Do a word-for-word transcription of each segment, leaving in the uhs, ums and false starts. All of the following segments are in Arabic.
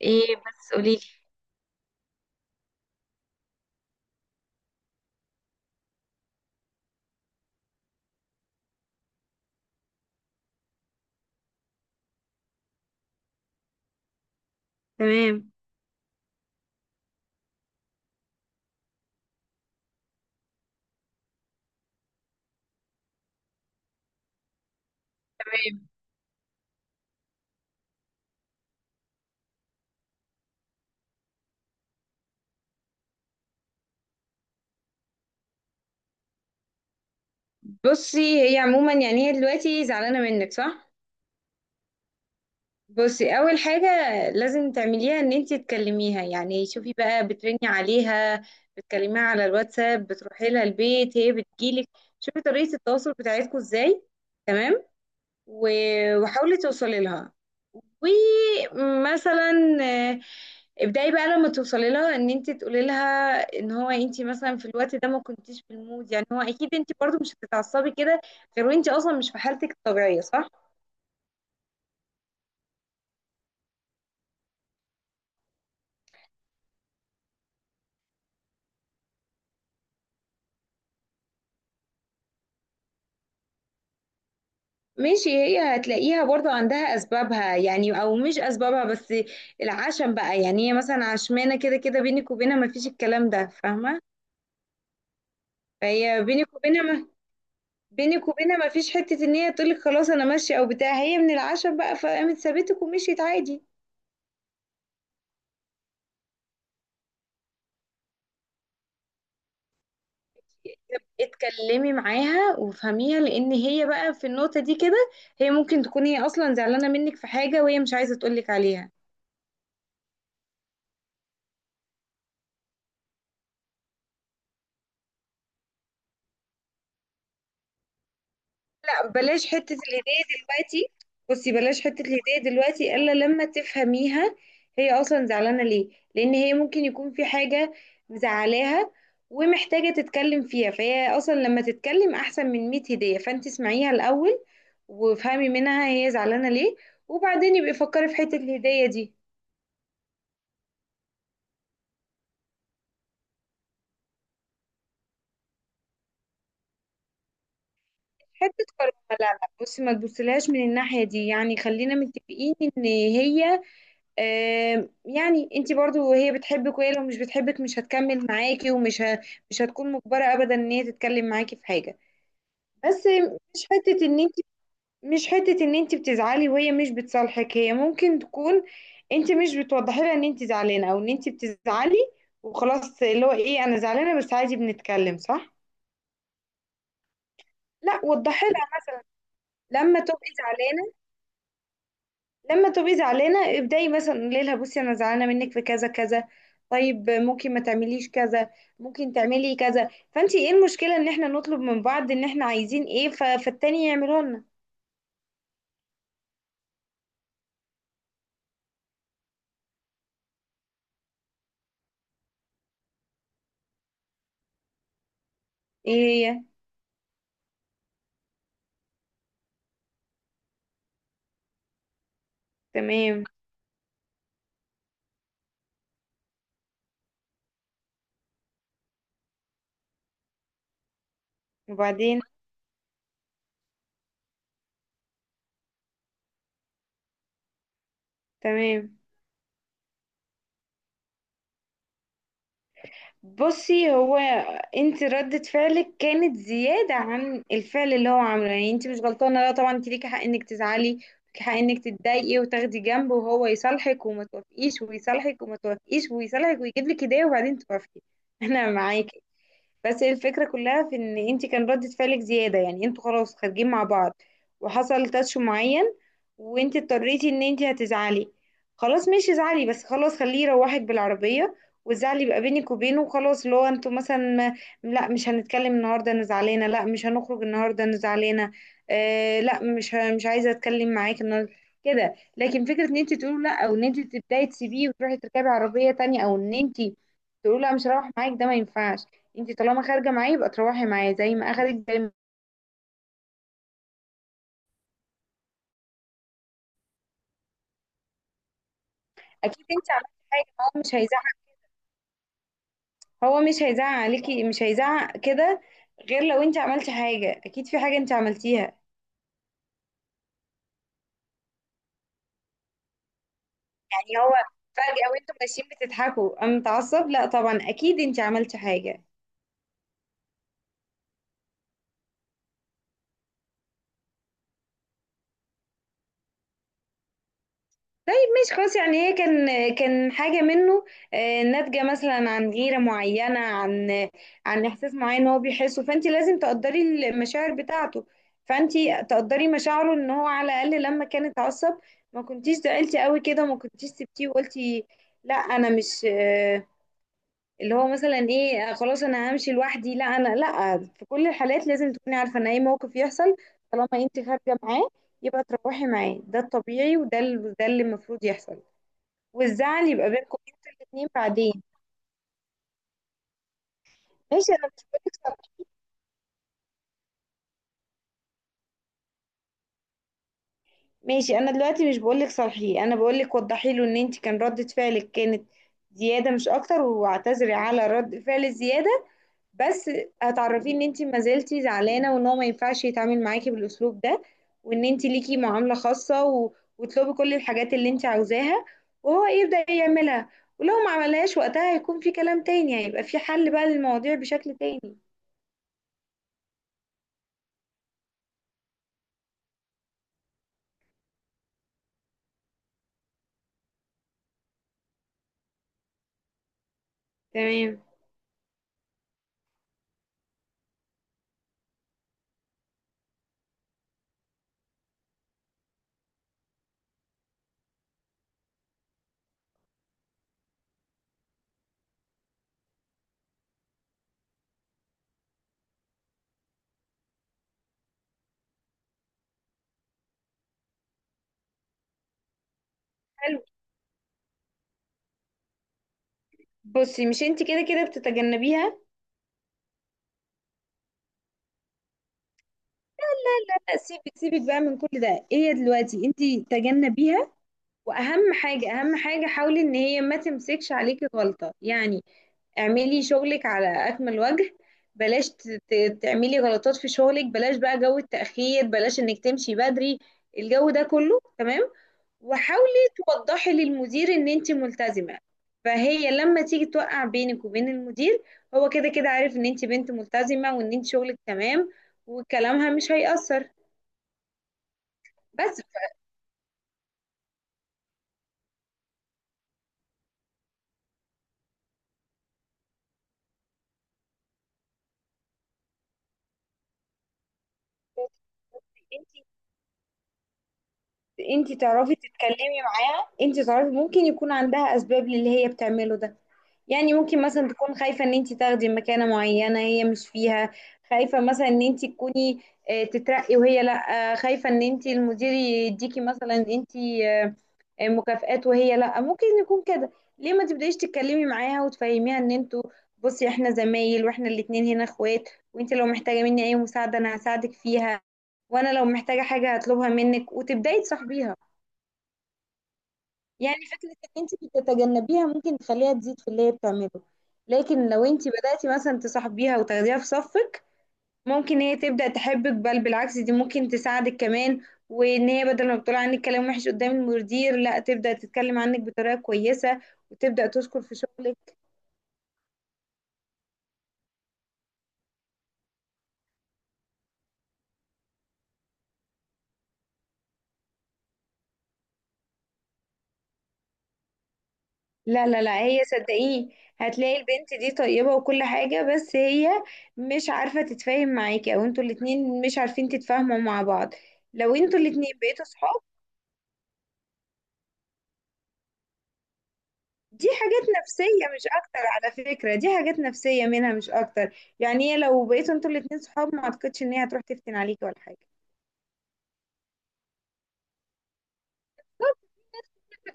ايه بس قوليلي. تمام. بصي هي عموما، يعني هي دلوقتي زعلانه منك، صح؟ بصي اول حاجه لازم تعمليها ان انت تكلميها، يعني شوفي بقى بترني عليها، بتكلميها على الواتساب، بتروحي لها البيت، هي بتجيلك. شوفي طريقه التواصل بتاعتكم ازاي. تمام. و- وحاولي توصلي لها، ومثلا آه، ابدأي بقى لما توصلي لها ان انت تقولي لها ان هو انت مثلا في الوقت ده ما كنتيش في المود، يعني هو اكيد انت برضو مش هتتعصبي كده، غير وانت اصلا مش في حالتك الطبيعية، صح؟ ماشي، هي هتلاقيها برضو عندها اسبابها، يعني او مش اسبابها، بس العشم بقى، يعني هي مثلا عشمانة كده كده بينك وبينها، ما فيش الكلام ده، فاهمة؟ فهي بينك وبينها ما بينك وبينها ما فيش حتة ان هي تقولك خلاص انا ماشية او بتاع، هي من العشم بقى فقامت سابتك ومشيت عادي. اتكلمي معاها وافهميها، لان هي بقى في النقطة دي كده، هي ممكن تكون هي اصلا زعلانة منك في حاجة وهي مش عايزة تقولك عليها. لا، بلاش حتة الهدية دلوقتي. بصي بلاش حتة الهدية دلوقتي الا لما تفهميها هي اصلا زعلانة ليه، لان هي ممكن يكون في حاجة مزعلاها ومحتاجة تتكلم فيها، فهي اصلا لما تتكلم احسن من مية هدية، فانت اسمعيها الاول وافهمي منها هي زعلانة ليه، وبعدين يبقى فكري في حتة الهدية دي. حتة كرامة، لا لا، بصي ما تبصلهاش من الناحية دي، يعني خلينا متفقين ان هي آم، يعني انت برضو، هي بتحبك، وهي لو مش بتحبك مش هتكمل معاكي، ومش ه... مش هتكون مجبرة ابدا ان هي تتكلم معاكي في حاجة. بس، مش حتة ان انت مش حتة ان انت بتزعلي وهي مش بتصالحك، هي ممكن تكون انت مش بتوضحي لها ان انت زعلانة او ان انت بتزعلي، وخلاص اللي هو ايه، انا زعلانة بس عادي، بنتكلم، صح؟ لا، وضحي لها لما تبقي زعلانة لما تبقي زعلانه، ابداي مثلا قولي لها بصي انا زعلانه منك في كذا كذا، طيب ممكن ما تعمليش كذا، ممكن تعملي كذا. فانت ايه المشكله ان احنا نطلب من بعض ان احنا عايزين ايه ف... فالتاني يعمله لنا. ايه هي. تمام. وبعدين. تمام. بصي هو، انت ردة فعلك كانت زيادة عن الفعل اللي هو عامله، يعني انت مش غلطانة، لا طبعا، انت ليكي حق انك تزعلي، ليكي حق انك تتضايقي وتاخدي جنب وهو يصالحك وما توافقيش، ويصالحك وما توافقيش، ويصالحك ويجيب لك هدية وبعدين توافقي، انا معاكي. بس هي الفكرة كلها في ان انت كان ردة فعلك زيادة، يعني انتوا خلاص خارجين مع بعض، وحصل تاتش معين، وانت اضطريتي ان انت هتزعلي، خلاص، مش ازعلي، بس خلاص خليه يروحك بالعربية، والزعل يبقى بينك وبينه، وخلاص اللي هو انتوا مثلا، لا مش هنتكلم النهارده انا زعلانه، لا مش هنخرج النهارده انا زعلانه، آه لا مش ه- مش عايزه اتكلم معاك النهارده، كده. لكن فكره ان انت تقولي لا، او ان انت تبداي تسيبيه وتروحي تركبي عربيه تانية، او ان انت تقولي لا مش هروح معاك، ده ما ينفعش. انت طالما خارجه معاه يبقى تروحي معاه زي ما اخدك، زي ما اكيد انت عملتي حاجه، هو مش هيزعق، هو مش هيزعق عليكي مش هيزعق كده، غير لو انت عملتي حاجه، اكيد في حاجه انت عملتيها. يعني هو فجاه وانتم ماشيين بتضحكوا قام متعصب؟ لا طبعا، اكيد انت عملتي حاجه. طيب ماشي، خلاص، يعني هي كان كان حاجة منه آه، ناتجة مثلا عن غيرة معينة، عن عن إحساس معين هو بيحسه، فأنت لازم تقدري المشاعر بتاعته. فأنت تقدري مشاعره، إن هو على الأقل لما كان اتعصب ما كنتيش زعلتي قوي كده، ما كنتيش سبتيه وقلتي لا أنا مش آه، اللي هو مثلا إيه، آه، خلاص أنا همشي لوحدي. لا، أنا لا، في كل الحالات لازم تكوني عارفة إن أي موقف يحصل طالما أنت خارجة معاه يبقى تروحي معاه، ده الطبيعي وده ال- ده اللي المفروض يحصل، والزعل يبقى بينكم انتوا الاتنين بعدين. ماشي، انا مش بقولك صح، ماشي انا دلوقتي مش بقولك صالحيه، انا بقولك وضحي له ان انت كان ردة فعلك كانت زياده، مش اكتر، واعتذري على رد فعل الزياده. بس هتعرفيه ان انت ما زلتي زعلانه، وان هو ما ينفعش يتعامل معاكي بالاسلوب ده، وان انت ليكي معامله خاصه و... وتطلبي كل الحاجات اللي انت عاوزاها، وهو يبدا يعملها. ولو ما عملهاش وقتها هيكون في كلام تاني، هيبقى في حل بقى للمواضيع بشكل تاني. تمام. حلو. بصي مش انت كده كده بتتجنبيها. لا، سيبك سيبك بقى من كل ده، هي دلوقتي انت تجنبيها، واهم حاجه، اهم حاجه حاولي ان هي ما تمسكش عليكي غلطه، يعني اعملي شغلك على اكمل وجه، بلاش ت- ت- تعملي غلطات في شغلك، بلاش بقى جو التاخير، بلاش انك تمشي بدري، الجو ده كله تمام. وحاولي توضحي للمدير ان انت ملتزمة، فهي لما تيجي توقع بينك وبين المدير، هو كده كده عارف ان انت بنت ملتزمة وان انت شغلك تمام، وكلامها مش هيأثر. بس انت انت تعرفي تتكلمي معاها، انت تعرفي ممكن يكون عندها اسباب للي هي بتعمله ده، يعني ممكن مثلا تكون خايفة ان انت تاخدي مكانة معينة هي مش فيها، خايفة مثلا ان انت تكوني آه، تترقي وهي لا، آه، خايفة ان انت المدير يديكي مثلا انت آه، مكافآت وهي لا، ممكن يكون كده. ليه ما تبدايش تتكلمي معاها وتفهميها ان انتوا، بصي احنا زمايل واحنا الاتنين هنا اخوات، وانت لو محتاجه مني اي مساعده انا هساعدك فيها، وانا لو محتاجه حاجه هطلبها منك، وتبداي تصاحبيها. يعني فكره ان انت بتتجنبيها ممكن تخليها تزيد في اللي هي بتعمله، لكن لو انت بداتي مثلا تصاحبيها وتاخديها في صفك، ممكن هي تبدأ تحبك، بل بالعكس دي ممكن تساعدك كمان، وان هي بدل ما بتقول عنك كلام وحش قدام المدير، لا تبدأ تتكلم عنك بطريقة كويسة، وتبدأ تشكر في شغلك. لا لا لا، هي صدقيني هتلاقي البنت دي طيبة وكل حاجة، بس هي مش عارفة تتفاهم معاكي، او انتوا الاتنين مش عارفين تتفاهموا مع بعض، لو انتوا الاتنين بقيتوا صحاب، دي حاجات نفسية مش أكتر. على فكرة، دي حاجات نفسية منها مش أكتر، يعني هي لو بقيتوا انتوا الاتنين صحاب ما أعتقدش إن هي هتروح تفتن عليكي ولا حاجة.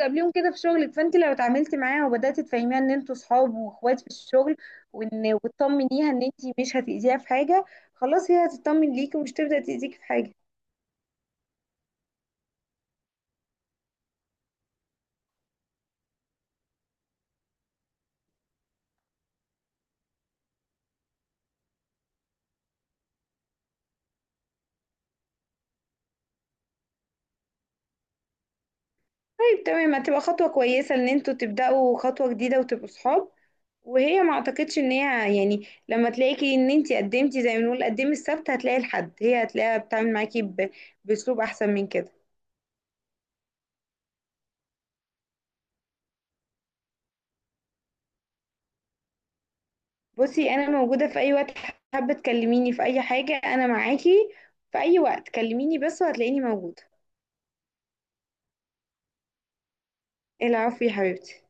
قبليهم كده في شغلك، فانت لو اتعاملتي معاها وبداتي تفهميها ان انتوا صحاب واخوات في الشغل، وان وتطمنيها ان انت مش هتاذيها في حاجه، خلاص هي هتطمن ليكي ومش تبدا تاذيكي في حاجه. طيب تمام، هتبقى خطوه كويسه ان انتوا تبداوا خطوه جديده وتبقوا صحاب، وهي ما اعتقدش ان هي يعني لما تلاقيكي ان انت قدمتي، زي ما بنقول قدمي السبت هتلاقي الحد، هي هتلاقيها بتتعامل معاكي ب- باسلوب احسن من كده. بصي انا موجوده في اي وقت، حابه تكلميني في اي حاجه انا معاكي، في اي وقت كلميني بس وهتلاقيني موجوده. العفو يا حبيبتي.